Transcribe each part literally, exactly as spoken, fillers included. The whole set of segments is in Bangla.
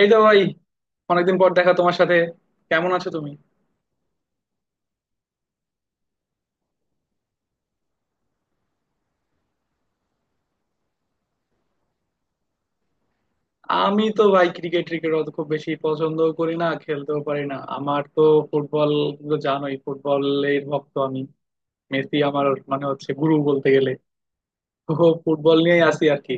এই তো ভাই, অনেকদিন পর দেখা তোমার সাথে। কেমন আছো তুমি? আমি তো ভাই ক্রিকেট ক্রিকেট অত খুব বেশি পছন্দ করি না, খেলতেও পারি না। আমার তো ফুটবল, তুমি তো জানোই, ফুটবলের ভক্ত আমি। মেসি আমার মানে হচ্ছে গুরু বলতে গেলে। তো ফুটবল নিয়েই আসি আর কি।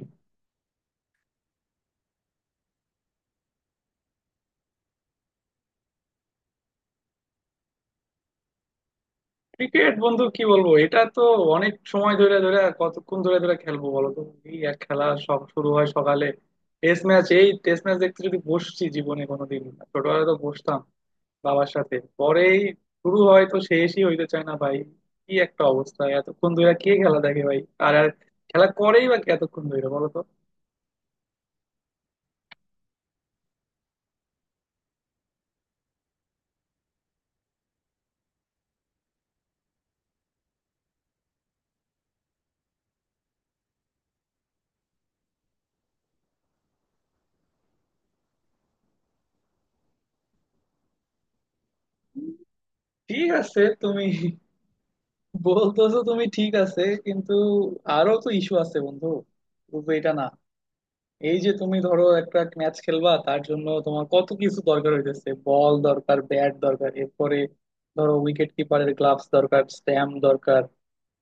ক্রিকেট বন্ধু কি বলবো, এটা তো অনেক সময় ধরে ধরে, কতক্ষণ ধরে ধরে খেলবো বলো তো? এই এক খেলা, সব শুরু হয় সকালে। টেস্ট ম্যাচ, এই টেস্ট ম্যাচ দেখতে যদি বসছি জীবনে কোনোদিন, ছোটবেলায় তো বসতাম বাবার সাথে, পরেই শুরু হয় তো শেষই হইতে চায় না ভাই। কি একটা অবস্থা, এতক্ষণ ধরে কে খেলা দেখে ভাই! আর আর খেলা করেই বা কে এতক্ষণ ধরে বলো তো? ঠিক আছে তুমি বলতেছো, তুমি ঠিক আছে, কিন্তু আরো তো ইস্যু আছে বন্ধু, শুধু এটা না। এই যে তুমি ধরো একটা ম্যাচ খেলবা, তার জন্য তোমার কত কিছু দরকার হইতেছে, বল দরকার, ব্যাট দরকার, এরপরে ধরো উইকেট কিপারের গ্লাভস দরকার, স্ট্যাম্প দরকার।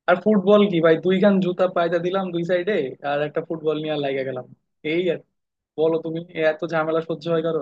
আর ফুটবল কি ভাই, দুইখান জুতা পায়দা দিলাম দুই সাইডে, আর একটা ফুটবল নিয়ে লাগা গেলাম, এই আর কি। বলো তুমি, এ এত ঝামেলা সহ্য হয় কারো?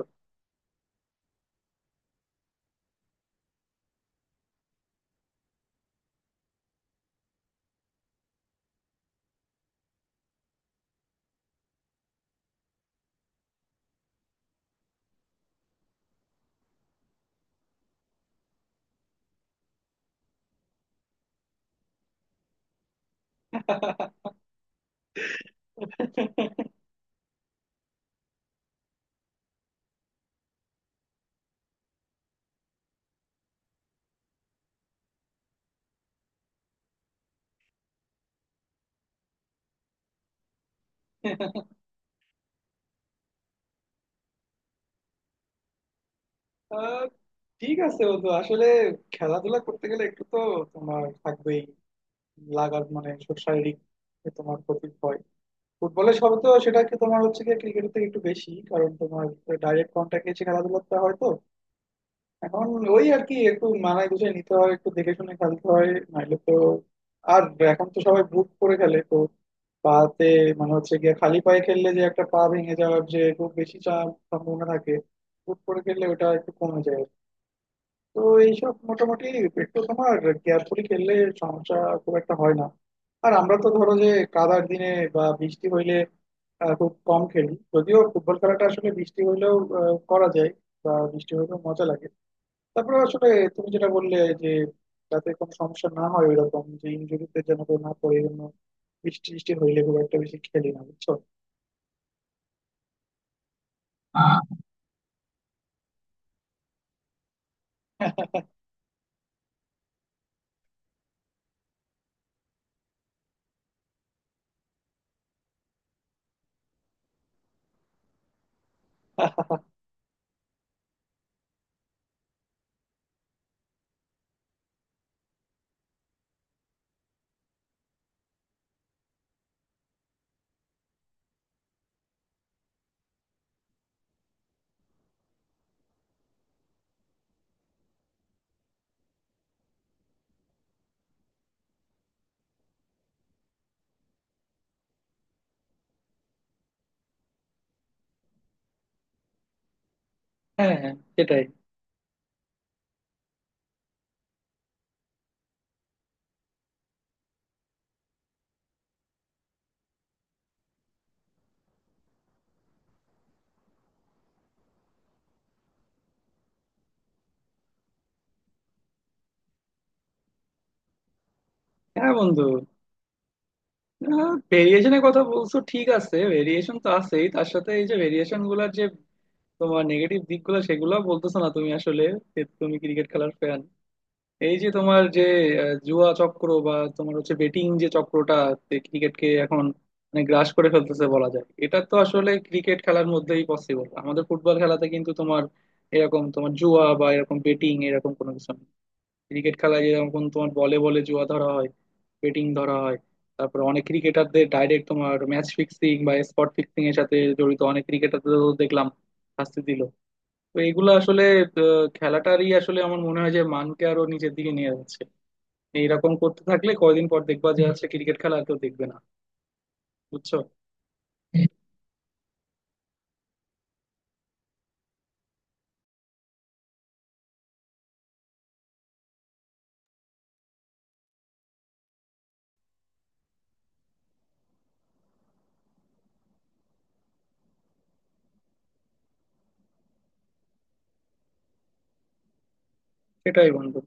আহ, ঠিক আছে বন্ধু, আসলে খেলাধুলা করতে গেলে একটু তো তোমার থাকবেই লাগার, মানে শারীরিক যে তোমার ক্ষতি হয়। ফুটবলের সবে তো সেটা কি তোমার হচ্ছে কি ক্রিকেটের থেকে একটু বেশি, কারণ তোমার ডাইরেক্ট কন্ট্যাক্ট এসে খেলাধুলা হয় তো। এখন ওই আর কি, একটু মানায় গুছিয়ে নিতে হয়, একটু দেখে শুনে খেলতে হয়, নাইলে তো আর। এখন তো সবাই বুট করে খেলে তো পাতে, মানে হচ্ছে গিয়ে খালি পায়ে খেললে যে একটা পা ভেঙে যাওয়ার যে খুব বেশি চাপ সম্ভাবনা থাকে, বুট করে খেললে ওটা একটু কমে যায়। তো এইসব মোটামুটি একটু তোমার কেয়ারফুলি খেললে সমস্যা খুব একটা হয় না। আর আমরা তো ধরো যে কাদার দিনে বা বৃষ্টি হইলে আহ, খুব কম খেলি, যদিও ফুটবল খেলাটা আসলে বৃষ্টি হইলেও আহ, করা যায়, বা বৃষ্টি হইলেও মজা লাগে। তারপরে আসলে তুমি যেটা বললে, যে যাতে কোনো সমস্যা না হয়, ওইরকম যে ইনজুরিতে যেন কেউ না পড়ে, এই জন্য বৃষ্টি টিষ্টি হইলে খুব একটা বেশি খেলি না, বুঝছো। হ্যাঁ সেটাই। হ্যাঁ বন্ধু, ভেরিয়েশনের কথা বলছো, ঠিক আছে, ভেরিয়েশন তো আছেই, তার সাথে এই যে ভেরিয়েশন গুলার যে তোমার নেগেটিভ দিকগুলো সেগুলো বলতেছো না তুমি আসলে। যে তুমি ক্রিকেট খেলার ফ্যান, এই যে তোমার যে আহ, জুয়া চক্র বা তোমার হচ্ছে বেটিং যে চক্রটা ক্রিকেটকে এখন মানে গ্রাস করে ফেলতেছে বলা যায়, এটা তো আসলে ক্রিকেট খেলার মধ্যেই পসিবল। আমাদের ফুটবল খেলাতে কিন্তু তোমার এরকম তোমার জুয়া বা এরকম বেটিং এরকম কোনো কিছু নেই। ক্রিকেট খেলায় যেরকম তোমার বলে বলে জুয়া ধরা হয়, বেটিং ধরা হয়, তারপর অনেক ক্রিকেটারদের ডাইরেক্ট তোমার ম্যাচ ফিক্সিং বা স্পট ফিক্সিং এর সাথে জড়িত অনেক ক্রিকেটারদের দেখলাম শাস্তি দিল। তো এগুলো আসলে আহ, খেলাটারই আসলে আমার মনে হয় যে মানকে আরো নিচের দিকে নিয়ে যাচ্ছে। এইরকম করতে থাকলে কয়দিন পর দেখবা যে হচ্ছে ক্রিকেট খেলা আর কেউ দেখবে না, বুঝছো। সেটাই বন্ধু।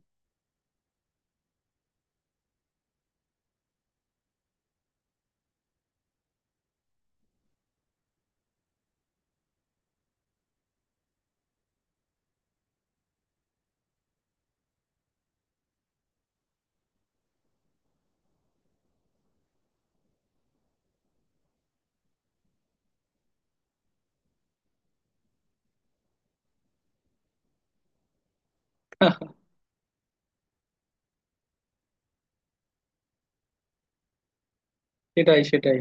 সেটাই, সেটাই।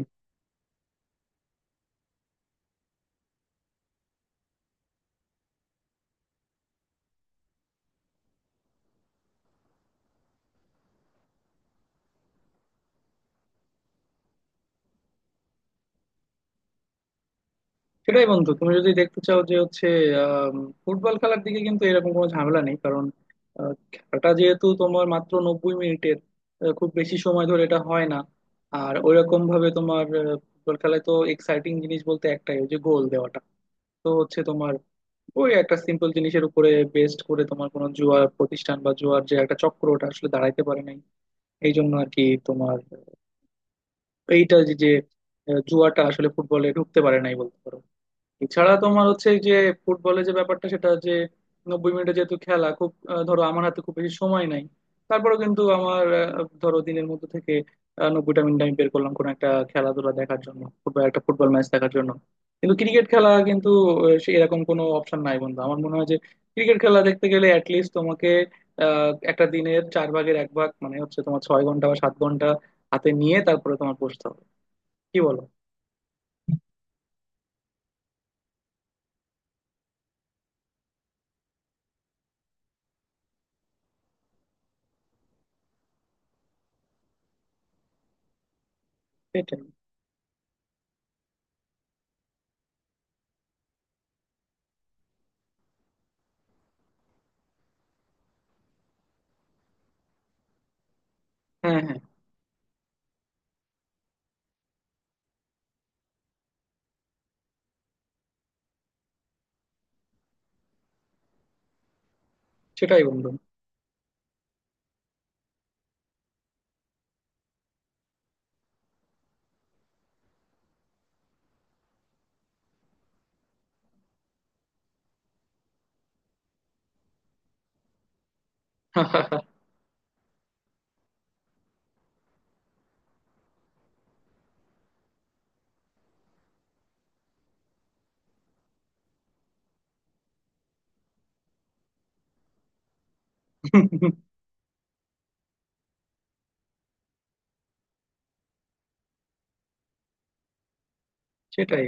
সেটাই বন্ধু, তুমি যদি দেখতে চাও যে হচ্ছে আম, ফুটবল খেলার দিকে কিন্তু এরকম কোনো ঝামেলা নেই, কারণ আহ, খেলাটা যেহেতু তোমার মাত্র নব্বই মিনিটের, আহ, খুব বেশি সময় ধরে এটা হয় না। আর ওইরকম ভাবে তোমার আহ, ফুটবল খেলায় তো এক্সাইটিং জিনিস বলতে একটাই, ওই যে গোল দেওয়াটা। তো হচ্ছে তোমার ওই একটা সিম্পল জিনিসের উপরে বেস্ট করে তোমার কোনো জুয়া প্রতিষ্ঠান বা জুয়ার যে একটা চক্র ওটা আসলে দাঁড়াইতে পারে নাই। এই জন্য আর কি তোমার এইটা যে যে, আহ, জুয়াটা আসলে ফুটবলে ঢুকতে পারে নাই বলতে পারো। এছাড়া তোমার হচ্ছে এই যে ফুটবলে যে ব্যাপারটা, সেটা যে নব্বই মিনিটে যেহেতু খেলা, খুব আহ, ধরো আমার হাতে খুব বেশি সময় নাই, তারপরেও কিন্তু আমার আহ, ধরো দিনের মধ্যে থেকে আহ, নব্বইটা মিনিট আমি বের করলাম কোনো একটা খেলাধুলা দেখার জন্য, ফুটবল একটা ফুটবল ম্যাচ দেখার জন্য। কিন্তু ক্রিকেট খেলা কিন্তু আহ, সে এরকম কোনো অপশন নাই বন্ধু। আমার মনে হয় যে ক্রিকেট খেলা দেখতে গেলে অ্যাটলিস্ট তোমাকে আহ, একটা দিনের চার ভাগের এক ভাগ, মানে হচ্ছে তোমার ছয় ঘন্টা বা সাত ঘন্টা হাতে নিয়ে তারপরে তোমার বসতে হবে, কি বলো? সেটাই। হ্যাঁ হ্যাঁ, সেটাই বন্ধু। সেটাই।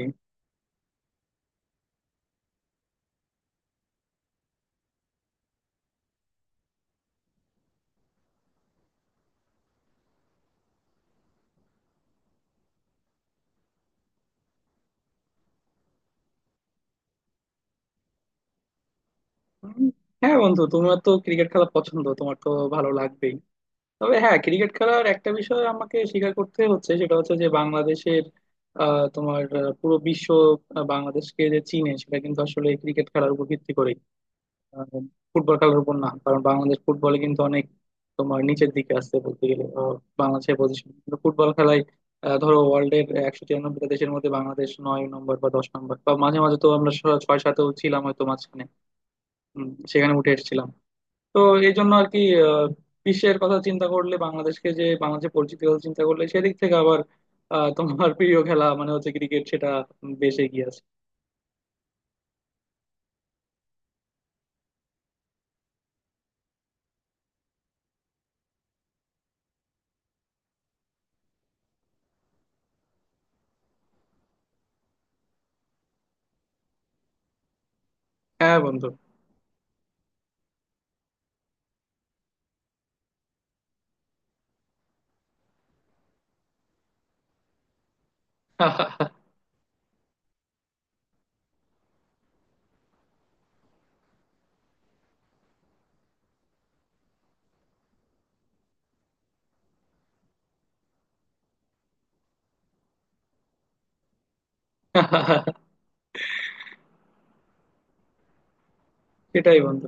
উম, হ্যাঁ বন্ধু, তোমার তো ক্রিকেট খেলা পছন্দ, তোমার তো ভালো লাগবেই। তবে হ্যাঁ, ক্রিকেট খেলার একটা বিষয় আমাকে স্বীকার করতে হচ্ছে, সেটা হচ্ছে যে বাংলাদেশের আহ, তোমার আহ, পুরো বিশ্ব আহ, বাংলাদেশকে যে চিনে সেটা কিন্তু আসলে ক্রিকেট খেলার উপর ভিত্তি করেই, আহ, ফুটবল খেলার উপর না, কারণ বাংলাদেশ ফুটবলে কিন্তু অনেক তোমার নিচের দিকে আসছে বলতে গেলে। আহ, বাংলাদেশের পজিশন কিন্তু ফুটবল খেলায় আহ, ধরো ওয়ার্ল্ডের একশো তিরানব্বইটা দেশের মধ্যে বাংলাদেশ নয় নম্বর বা দশ নম্বর, বা মাঝে মাঝে তো আমরা ছ- ছয় সাতেও ছিলাম হয়তো মাঝখানে, উম, সেখানে উঠে এসেছিলাম। তো এই জন্য আর কি, আহ, বিশ্বের কথা চিন্তা করলে বাংলাদেশকে যে, বাংলাদেশের পরিচিতি কথা চিন্তা করলে সেদিক থেকে আবার আহ, তোমার প্রিয় খেলা মানে হচ্ছে ক্রিকেট, সেটা বেশ এগিয়ে আছে। হ্যাঁ বন্ধু। সেটাই বন্ধু।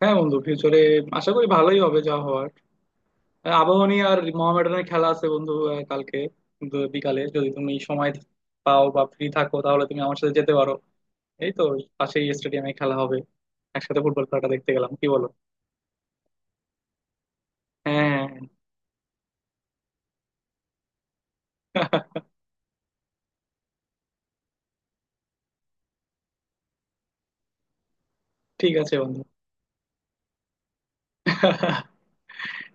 হ্যাঁ বন্ধু, ফিউচারে আশা করি ভালোই হবে যা হওয়ার। আবাহনী আর মোহামেডানের খেলা আছে বন্ধু, আহ, কালকে দু- বিকালে, যদি তুমি সময় পাও বা ফ্রি থাকো তাহলে তুমি আমার সাথে যেতে পারো। এই তো পাশেই স্টেডিয়ামে খেলা হবে, একসাথে ফুটবল খেলাটা দেখতে গেলাম, কি বলো? হ্যাঁ। ঠিক আছে বন্ধু,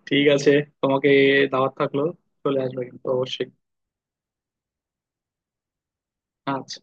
ঠিক আছে। তোমাকে দাওয়াত থাকলো, চলে আসবে কিন্তু অবশ্যই। আচ্ছা।